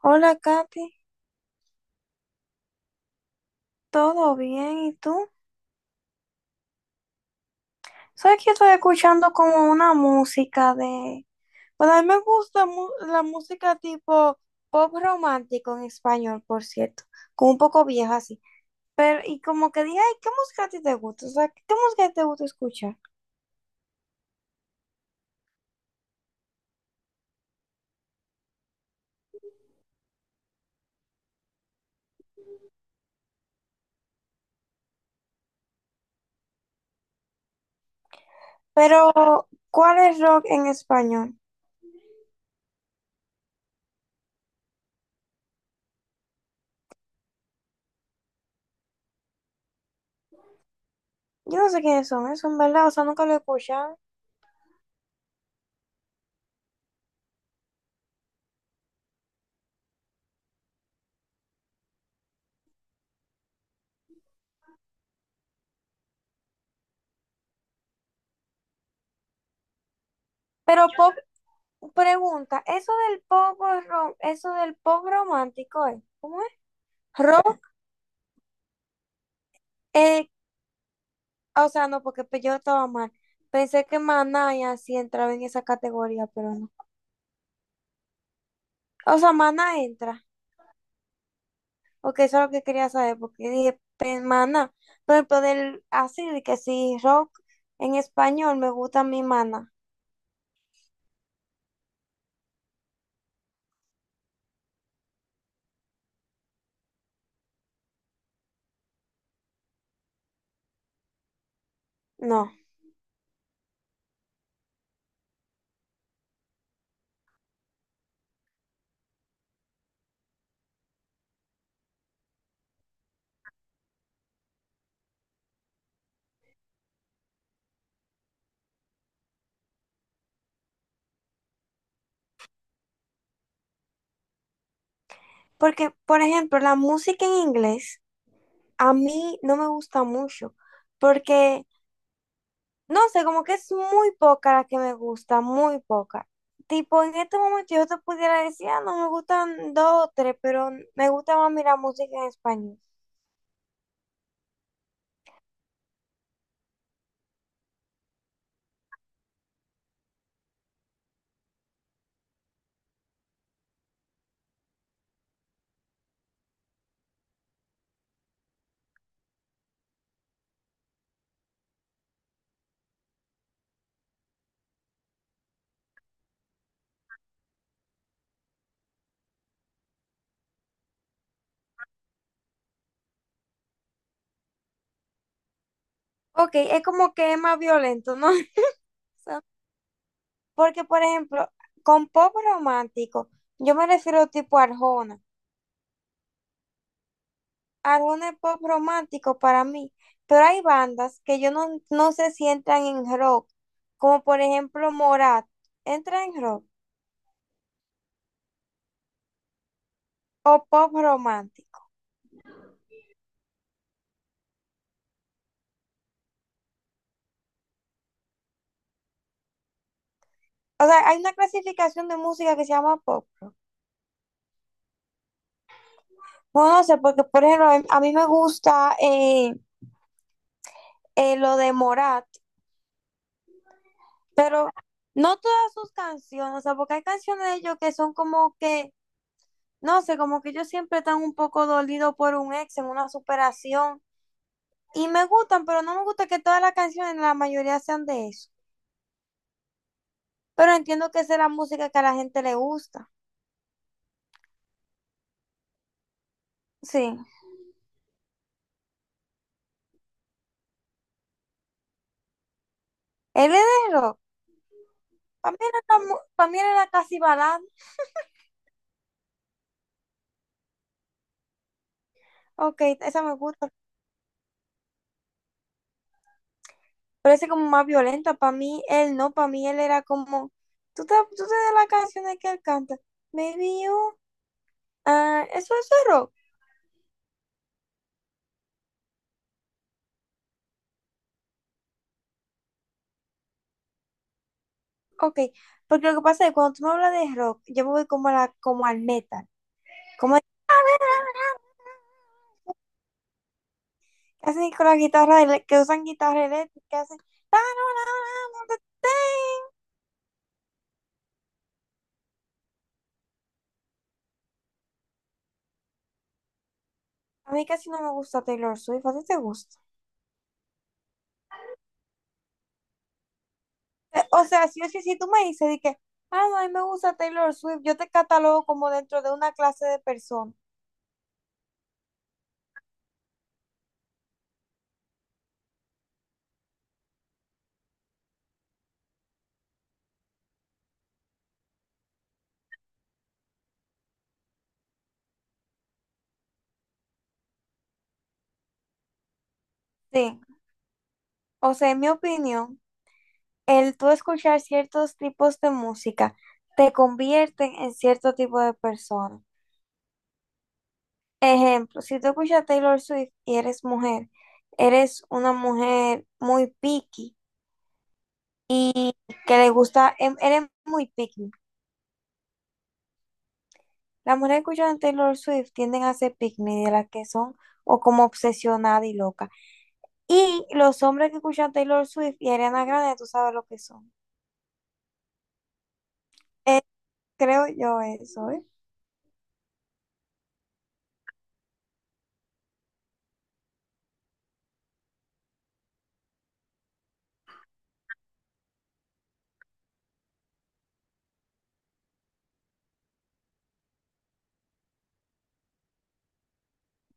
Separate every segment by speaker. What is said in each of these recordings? Speaker 1: Hola, Katy. ¿Todo bien? ¿Y tú? Sabes que estoy escuchando como una música de. Bueno, a mí me gusta la música tipo pop romántico en español, por cierto. Como un poco vieja así. Pero, y como que dije, ay, ¿qué música a ti te gusta? O sea, ¿qué música te gusta escuchar? Pero, ¿cuál es rock en español? Yo no sé quiénes son esos, ¿verdad? O sea, nunca lo he escuchado. Pero yo pop, pregunta, eso del pop romántico, ¿eh? ¿Cómo es? Rock, eh, ah, o sea, no, porque yo estaba mal. Pensé que Maná y así entraba en esa categoría, pero no. O sea, Maná entra, porque eso es lo que quería saber, porque dije, Maná, por ejemplo, del así, de que si rock en español me gusta mi Maná. No, porque, por ejemplo, la música en inglés a mí no me gusta mucho, porque no sé, como que es muy poca la que me gusta, muy poca. Tipo, en este momento yo te pudiera decir, ah, no me gustan dos o tres, pero me gusta más mirar música en español. Ok, es como que es más violento, ¿no? sea, Porque, por ejemplo, con pop romántico, yo me refiero tipo a Arjona. Arjona es pop romántico para mí, pero hay bandas que yo no, no sé si entran en rock, como por ejemplo Morat, entra en rock o pop romántico. O sea, hay una clasificación de música que se llama pop rock. No, no sé, porque por ejemplo, a mí me gusta lo de Morat, pero no todas sus canciones, o sea, porque hay canciones de ellos que son como que, no sé, como que ellos siempre están un poco dolidos por un ex en una superación. Y me gustan, pero no me gusta que todas las canciones, la mayoría sean de eso. Pero entiendo que esa es la música que a la gente le gusta. Sí. Él es de rock. Para mí era, la mu- pa' mí era casi balada. Ok, esa me gusta. Parece como más violenta. Para mí, él no, para mí él era como, tú te das las canciones que él canta, Maybe You, ah, eso es rock, ok, porque lo que pasa es que cuando tú me hablas de rock, yo me voy como, a la, como al metal, como el- que hacen con la guitarra, ele- que usan guitarra eléctrica, que hacen, a mí casi no me gusta Taylor Swift, ¿a ti te gusta? O sea, si tú me dices de que, ah, no, a mí me gusta Taylor Swift, yo te catalogo como dentro de una clase de personas. Sí. O sea, en mi opinión, el tú escuchar ciertos tipos de música te convierten en cierto tipo de persona. Ejemplo, si tú escuchas Taylor Swift y eres mujer, eres una mujer muy picky, que le gusta, eres muy picky. Las mujeres que escuchan Taylor Swift tienden a ser picky, de las que son o como obsesionada y loca. Y los hombres que escuchan Taylor Swift y Ariana Grande, tú sabes lo que son. Eh, creo yo eso, ¿eh?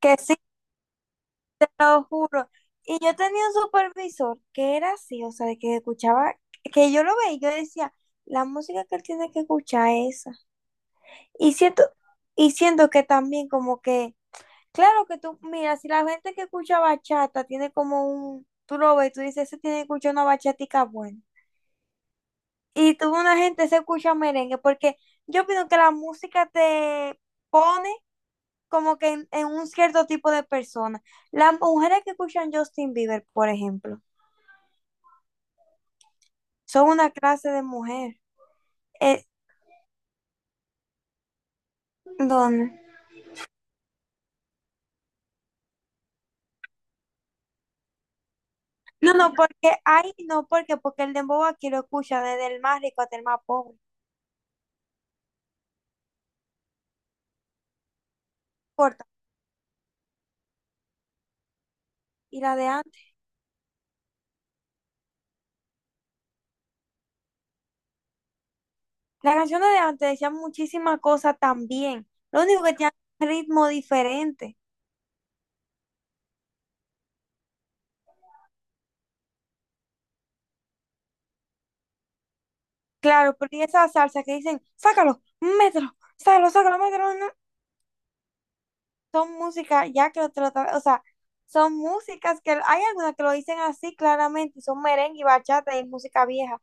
Speaker 1: Que Te lo juro. Y yo tenía un supervisor que era así, o sea, de que escuchaba, que yo lo veía y yo decía, la música que él tiene que escuchar es esa. Y siento, y siento que también como que, claro que tú, mira, si la gente que escucha bachata tiene como un, tú lo ves, tú dices, ese tiene que escuchar una bachatica buena. Y tú una gente se escucha merengue, porque yo opino que la música te pone como que en un cierto tipo de persona. Las mujeres que escuchan Justin Bieber, por ejemplo. Son una clase de mujer. Eh, ¿Dónde? No, no, porque hay, no, porque el dembow aquí lo escucha desde el más rico hasta el más pobre. Corta. Y la de antes. Las canciones de antes decían muchísimas cosas también. Lo único que tenían ritmo diferente. Claro, pero y esa salsa que dicen, sácalo, mételo, sácalo, sácalo, mételo, no", son músicas, ya que lo, te lo o sea, son músicas que hay algunas que lo dicen así claramente, y son merengue y bachata y música vieja.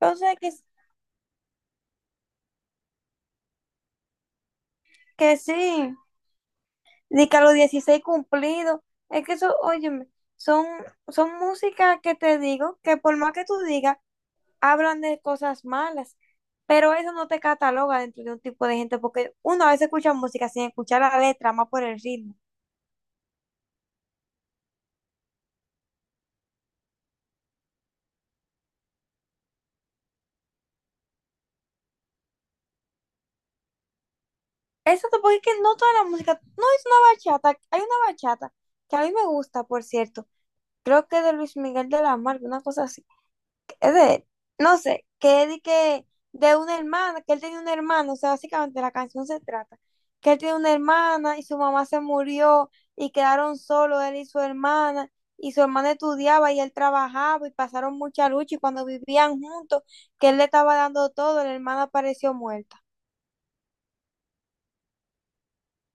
Speaker 1: Entonces, que sí. Ni que a los 16 cumplidos. Es que eso, óyeme, son, son, músicas que te digo que por más que tú digas, hablan de cosas malas, pero eso no te cataloga dentro de un tipo de gente, porque uno a veces escucha música sin escuchar la letra, más por el ritmo. Eso te- porque es que no toda la música, no es una bachata, hay una bachata que a mí me gusta, por cierto, creo que de Luis Miguel de la Mar, una cosa así. Es de, no sé, que de una hermana, que él tenía una hermana, o sea, básicamente la canción se trata, que él tiene una hermana y su mamá se murió y quedaron solos él y su hermana estudiaba y él trabajaba y pasaron mucha lucha y cuando vivían juntos, que él le estaba dando todo, la hermana apareció muerta.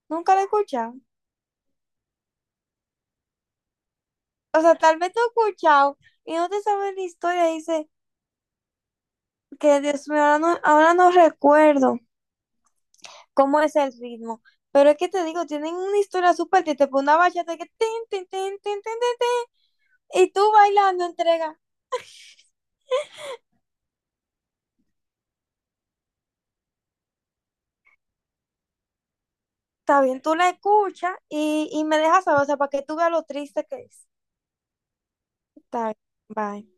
Speaker 1: Nunca la he escuchado. O sea, tal vez te he escuchado y no te sabes la historia, dice que Dios mío, ahora no recuerdo cómo es el ritmo. Pero es que te digo, tienen una historia súper triste, pues una bachata que tin, tin, tin, tin, tin, tin, tin, y tú bailando entrega. Está bien, tú la escuchas y me dejas saber, o sea, para que tú veas lo triste que es. Está bien, bye.